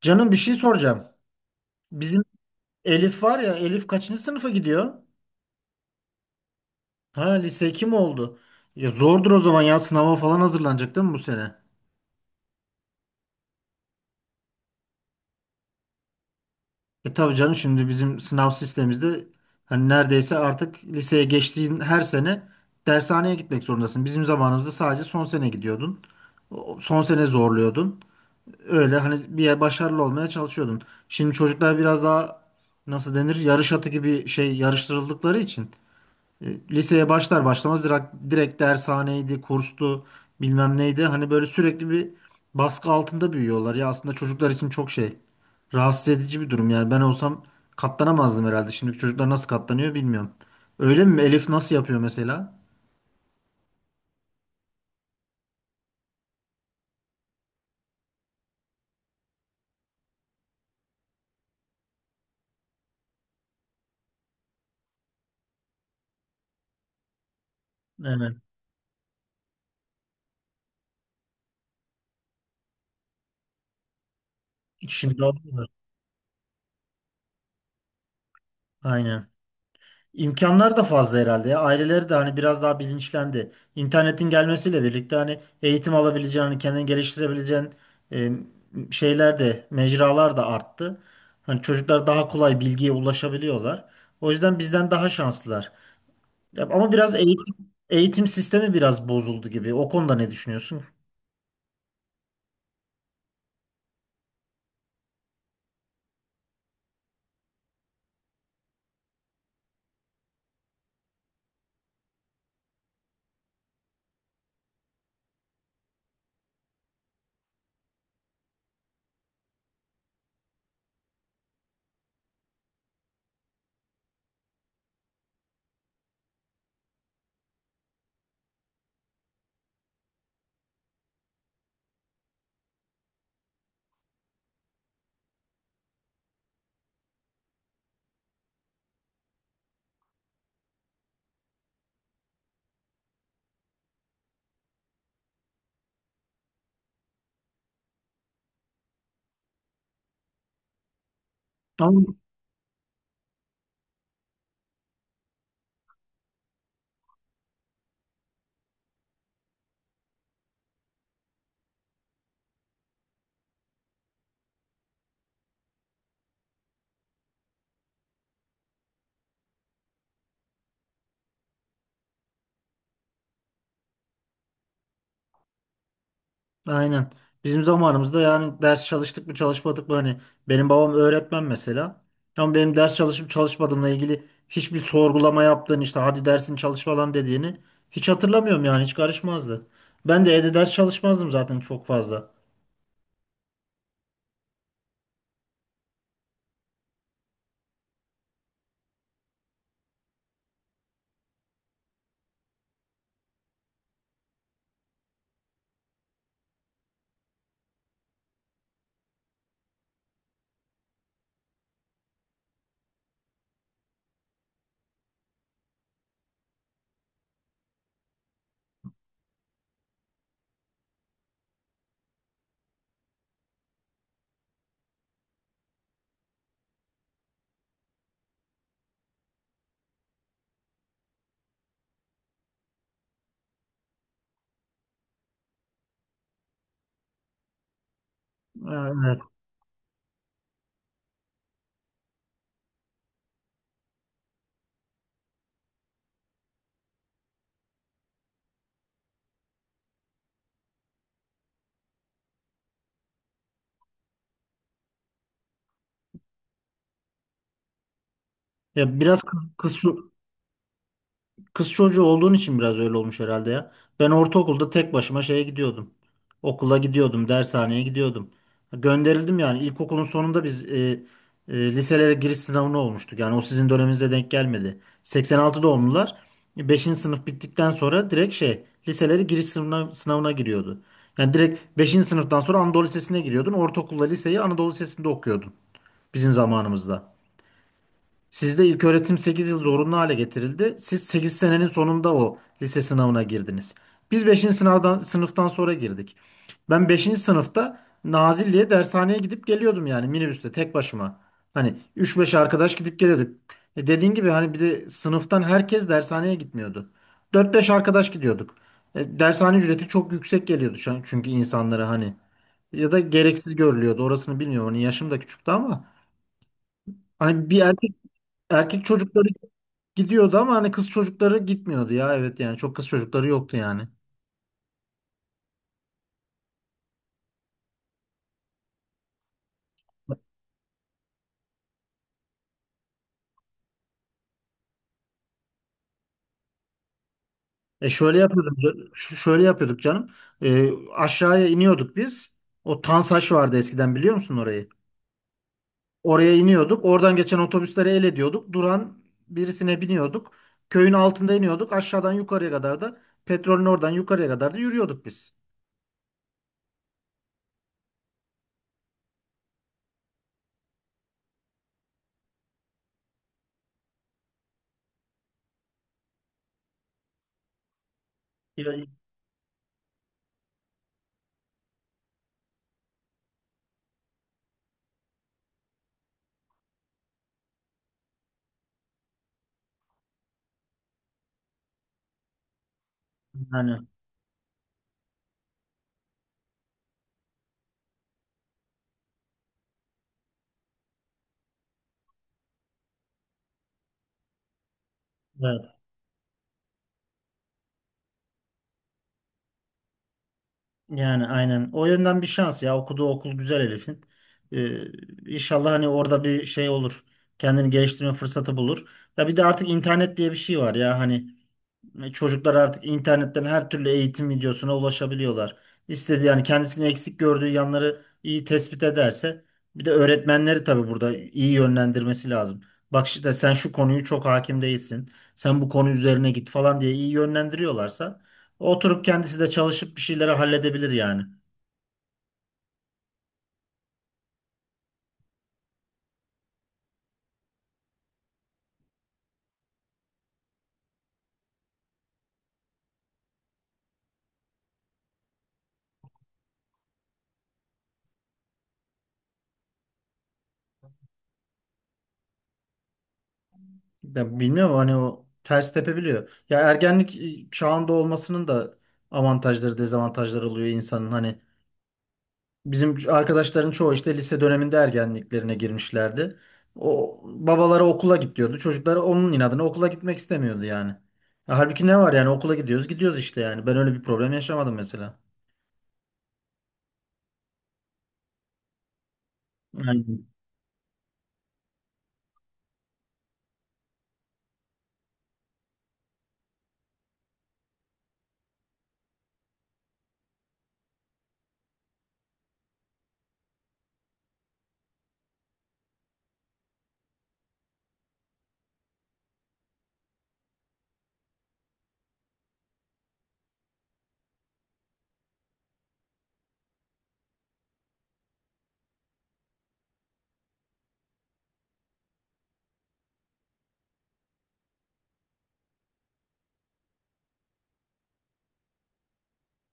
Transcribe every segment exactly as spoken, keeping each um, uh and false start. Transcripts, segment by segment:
Canım bir şey soracağım. Bizim Elif var ya, Elif kaçıncı sınıfa gidiyor? Ha lise iki mi oldu? Ya zordur o zaman, ya sınava falan hazırlanacak değil mi bu sene? E tabii canım, şimdi bizim sınav sistemimizde hani neredeyse artık liseye geçtiğin her sene dershaneye gitmek zorundasın. Bizim zamanımızda sadece son sene gidiyordun. O- Son sene zorluyordun. Öyle hani bir yer başarılı olmaya çalışıyordun. Şimdi çocuklar biraz daha nasıl denir, yarış atı gibi şey yarıştırıldıkları için. E, Liseye başlar başlamaz direkt, direkt dershaneydi, kurstu, bilmem neydi. Hani böyle sürekli bir baskı altında büyüyorlar. Ya aslında çocuklar için çok şey, rahatsız edici bir durum. Yani ben olsam katlanamazdım herhalde. Şimdiki çocuklar nasıl katlanıyor bilmiyorum. Öyle mi? Elif nasıl yapıyor mesela? Evet. Şimdi alıyorlar. Aynen. İmkanlar da fazla herhalde ya. Aileleri de hani biraz daha bilinçlendi. İnternetin gelmesiyle birlikte hani eğitim alabileceğin, hani kendini geliştirebileceğin e, şeyler de, mecralar da arttı. Hani çocuklar daha kolay bilgiye ulaşabiliyorlar. O yüzden bizden daha şanslılar. Ya ama biraz eğitim, eğitim sistemi biraz bozuldu gibi. O konuda ne düşünüyorsun? Tamam. Aynen. Bizim zamanımızda yani ders çalıştık mı çalışmadık mı, hani benim babam öğretmen mesela. Ama benim ders çalışıp çalışmadığımla ilgili hiçbir sorgulama yaptığını, işte hadi dersini çalış falan dediğini hiç hatırlamıyorum, yani hiç karışmazdı. Ben de evde ders çalışmazdım zaten çok fazla. Evet. Ya biraz kı- kız. Kız çocuğu olduğun için biraz öyle olmuş herhalde ya. Ben ortaokulda tek başıma şeye gidiyordum. Okula gidiyordum, dershaneye gidiyordum. Gönderildim yani. İlkokulun sonunda biz e, e, liselere giriş sınavına olmuştuk. Yani o sizin döneminize denk gelmedi. seksen altı doğumlular e, beşinci sınıf bittikten sonra direkt şey liselere giriş sınavına, sınavına giriyordu. Yani direkt beşinci sınıftan sonra Anadolu Lisesi'ne giriyordun. Ortaokulla liseyi Anadolu Lisesi'nde okuyordun bizim zamanımızda. Sizde ilköğretim sekiz yıl zorunlu hale getirildi. Siz sekiz senenin sonunda o lise sınavına girdiniz. Biz beşinci sınavdan sınıftan sonra girdik. Ben beşinci sınıfta Nazilli'ye dershaneye gidip geliyordum, yani minibüste tek başıma. Hani üç beş arkadaş gidip geliyorduk. E dediğin gibi hani bir de sınıftan herkes dershaneye gitmiyordu. Dört beş arkadaş gidiyorduk. E, dershane ücreti çok yüksek geliyordu şu an, çünkü insanlara hani, ya da gereksiz görülüyordu. Orasını bilmiyorum. Hani yaşım da küçüktü ama hani bir erkek erkek çocukları gidiyordu ama hani kız çocukları gitmiyordu ya, evet, yani çok kız çocukları yoktu yani. E şöyle yapıyorduk, ca- ş- şöyle yapıyorduk canım. E, aşağıya iniyorduk biz. O Tansaç vardı eskiden, biliyor musun orayı? Oraya iniyorduk. Oradan geçen otobüsleri el ediyorduk. Duran birisine biniyorduk. Köyün altında iniyorduk. Aşağıdan yukarıya kadar, da petrolün oradan yukarıya kadar da yürüyorduk biz. Yani evet. Yani aynen. O yönden bir şans ya. Okuduğu okul güzel Elif'in. Ee, inşallah hani orada bir şey olur. Kendini geliştirme fırsatı bulur. Ya bir de artık internet diye bir şey var ya hani, e, çocuklar artık internetten her türlü eğitim videosuna ulaşabiliyorlar. İstediği, yani kendisini eksik gördüğü yanları iyi tespit ederse, bir de öğretmenleri tabii burada iyi yönlendirmesi lazım. Bak işte sen şu konuyu çok hakim değilsin. Sen bu konu üzerine git falan diye iyi yönlendiriyorlarsa, oturup kendisi de çalışıp bir şeyleri halledebilir yani. Ya bilmiyorum, hani o ters tepebiliyor. Ya ergenlik e, çağında olmasının da avantajları, dezavantajları oluyor insanın. Hani bizim arkadaşların çoğu işte lise döneminde ergenliklerine girmişlerdi. O babaları okula git diyordu. Çocukları onun inadına okula gitmek istemiyordu yani. Ya halbuki ne var yani, okula gidiyoruz gidiyoruz işte yani. Ben öyle bir problem yaşamadım mesela. Yani,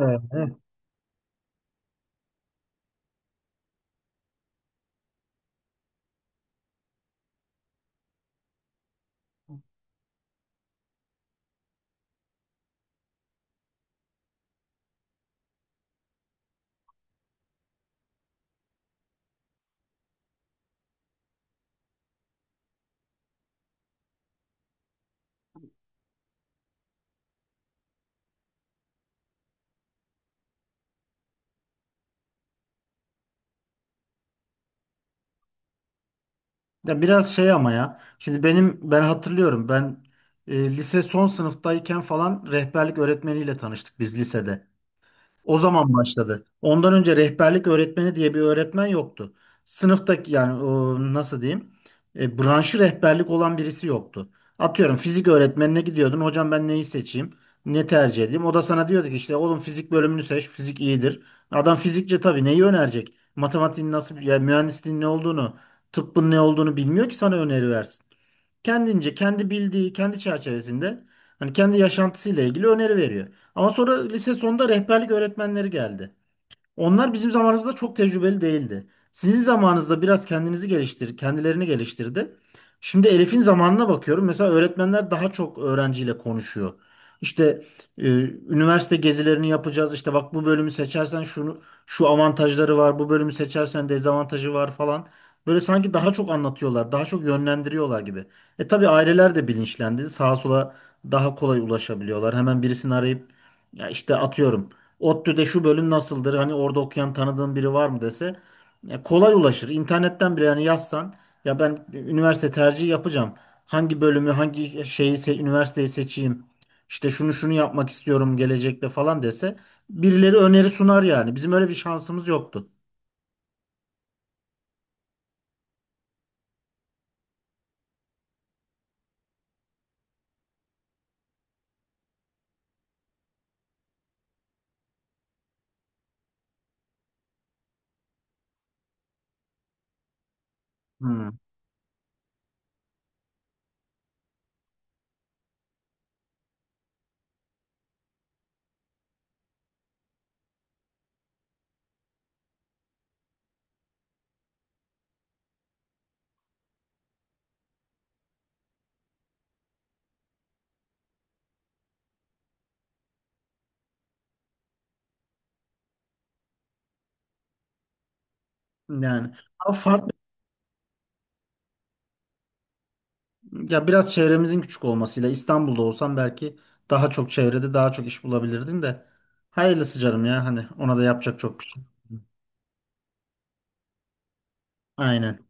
evet. Ya biraz şey ama ya. Şimdi benim ben hatırlıyorum, ben e, lise son sınıftayken falan rehberlik öğretmeniyle tanıştık biz lisede. O zaman başladı. Ondan önce rehberlik öğretmeni diye bir öğretmen yoktu. Sınıftaki yani o, nasıl diyeyim? E, branşı rehberlik olan birisi yoktu. Atıyorum fizik öğretmenine gidiyordun. Hocam ben neyi seçeyim? Ne tercih edeyim? O da sana diyordu ki işte oğlum, fizik bölümünü seç, fizik iyidir. Adam fizikçe, tabii neyi önerecek? Matematiğin nasıl, yani mühendisliğin ne olduğunu, tıbbın ne olduğunu bilmiyor ki sana öneri versin. Kendince, kendi bildiği, kendi çerçevesinde, hani kendi yaşantısıyla ilgili öneri veriyor. Ama sonra lise sonunda rehberlik öğretmenleri geldi. Onlar bizim zamanımızda çok tecrübeli değildi. Sizin zamanınızda biraz kendinizi geliştir, kendilerini geliştirdi. Şimdi Elif'in zamanına bakıyorum. Mesela öğretmenler daha çok öğrenciyle konuşuyor. İşte, e, üniversite gezilerini yapacağız. İşte bak, bu bölümü seçersen şunu şu avantajları var. Bu bölümü seçersen dezavantajı var falan. Böyle sanki daha çok anlatıyorlar, daha çok yönlendiriyorlar gibi. E tabii aileler de bilinçlendi. Sağa sola daha kolay ulaşabiliyorlar. Hemen birisini arayıp, ya işte atıyorum ODTÜ'de şu bölüm nasıldır, hani orada okuyan tanıdığın biri var mı dese, ya kolay ulaşır. İnternetten bile yani yazsan, ya ben üniversite tercihi yapacağım, hangi bölümü, hangi şeyi se- üniversiteyi seçeyim, İşte şunu şunu yapmak istiyorum gelecekte falan dese, birileri öneri sunar yani. Bizim öyle bir şansımız yoktu. Hmm. Yani ama farklı, ya biraz çevremizin küçük olmasıyla, İstanbul'da olsam belki daha çok çevrede daha çok iş bulabilirdin de, hayırlısı canım ya, hani ona da yapacak çok bir şey. Yok. Aynen.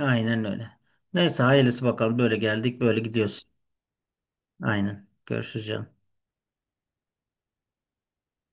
Aynen öyle. Neyse, hayırlısı bakalım. Böyle geldik, böyle gidiyoruz. Aynen. Görüşürüz canım.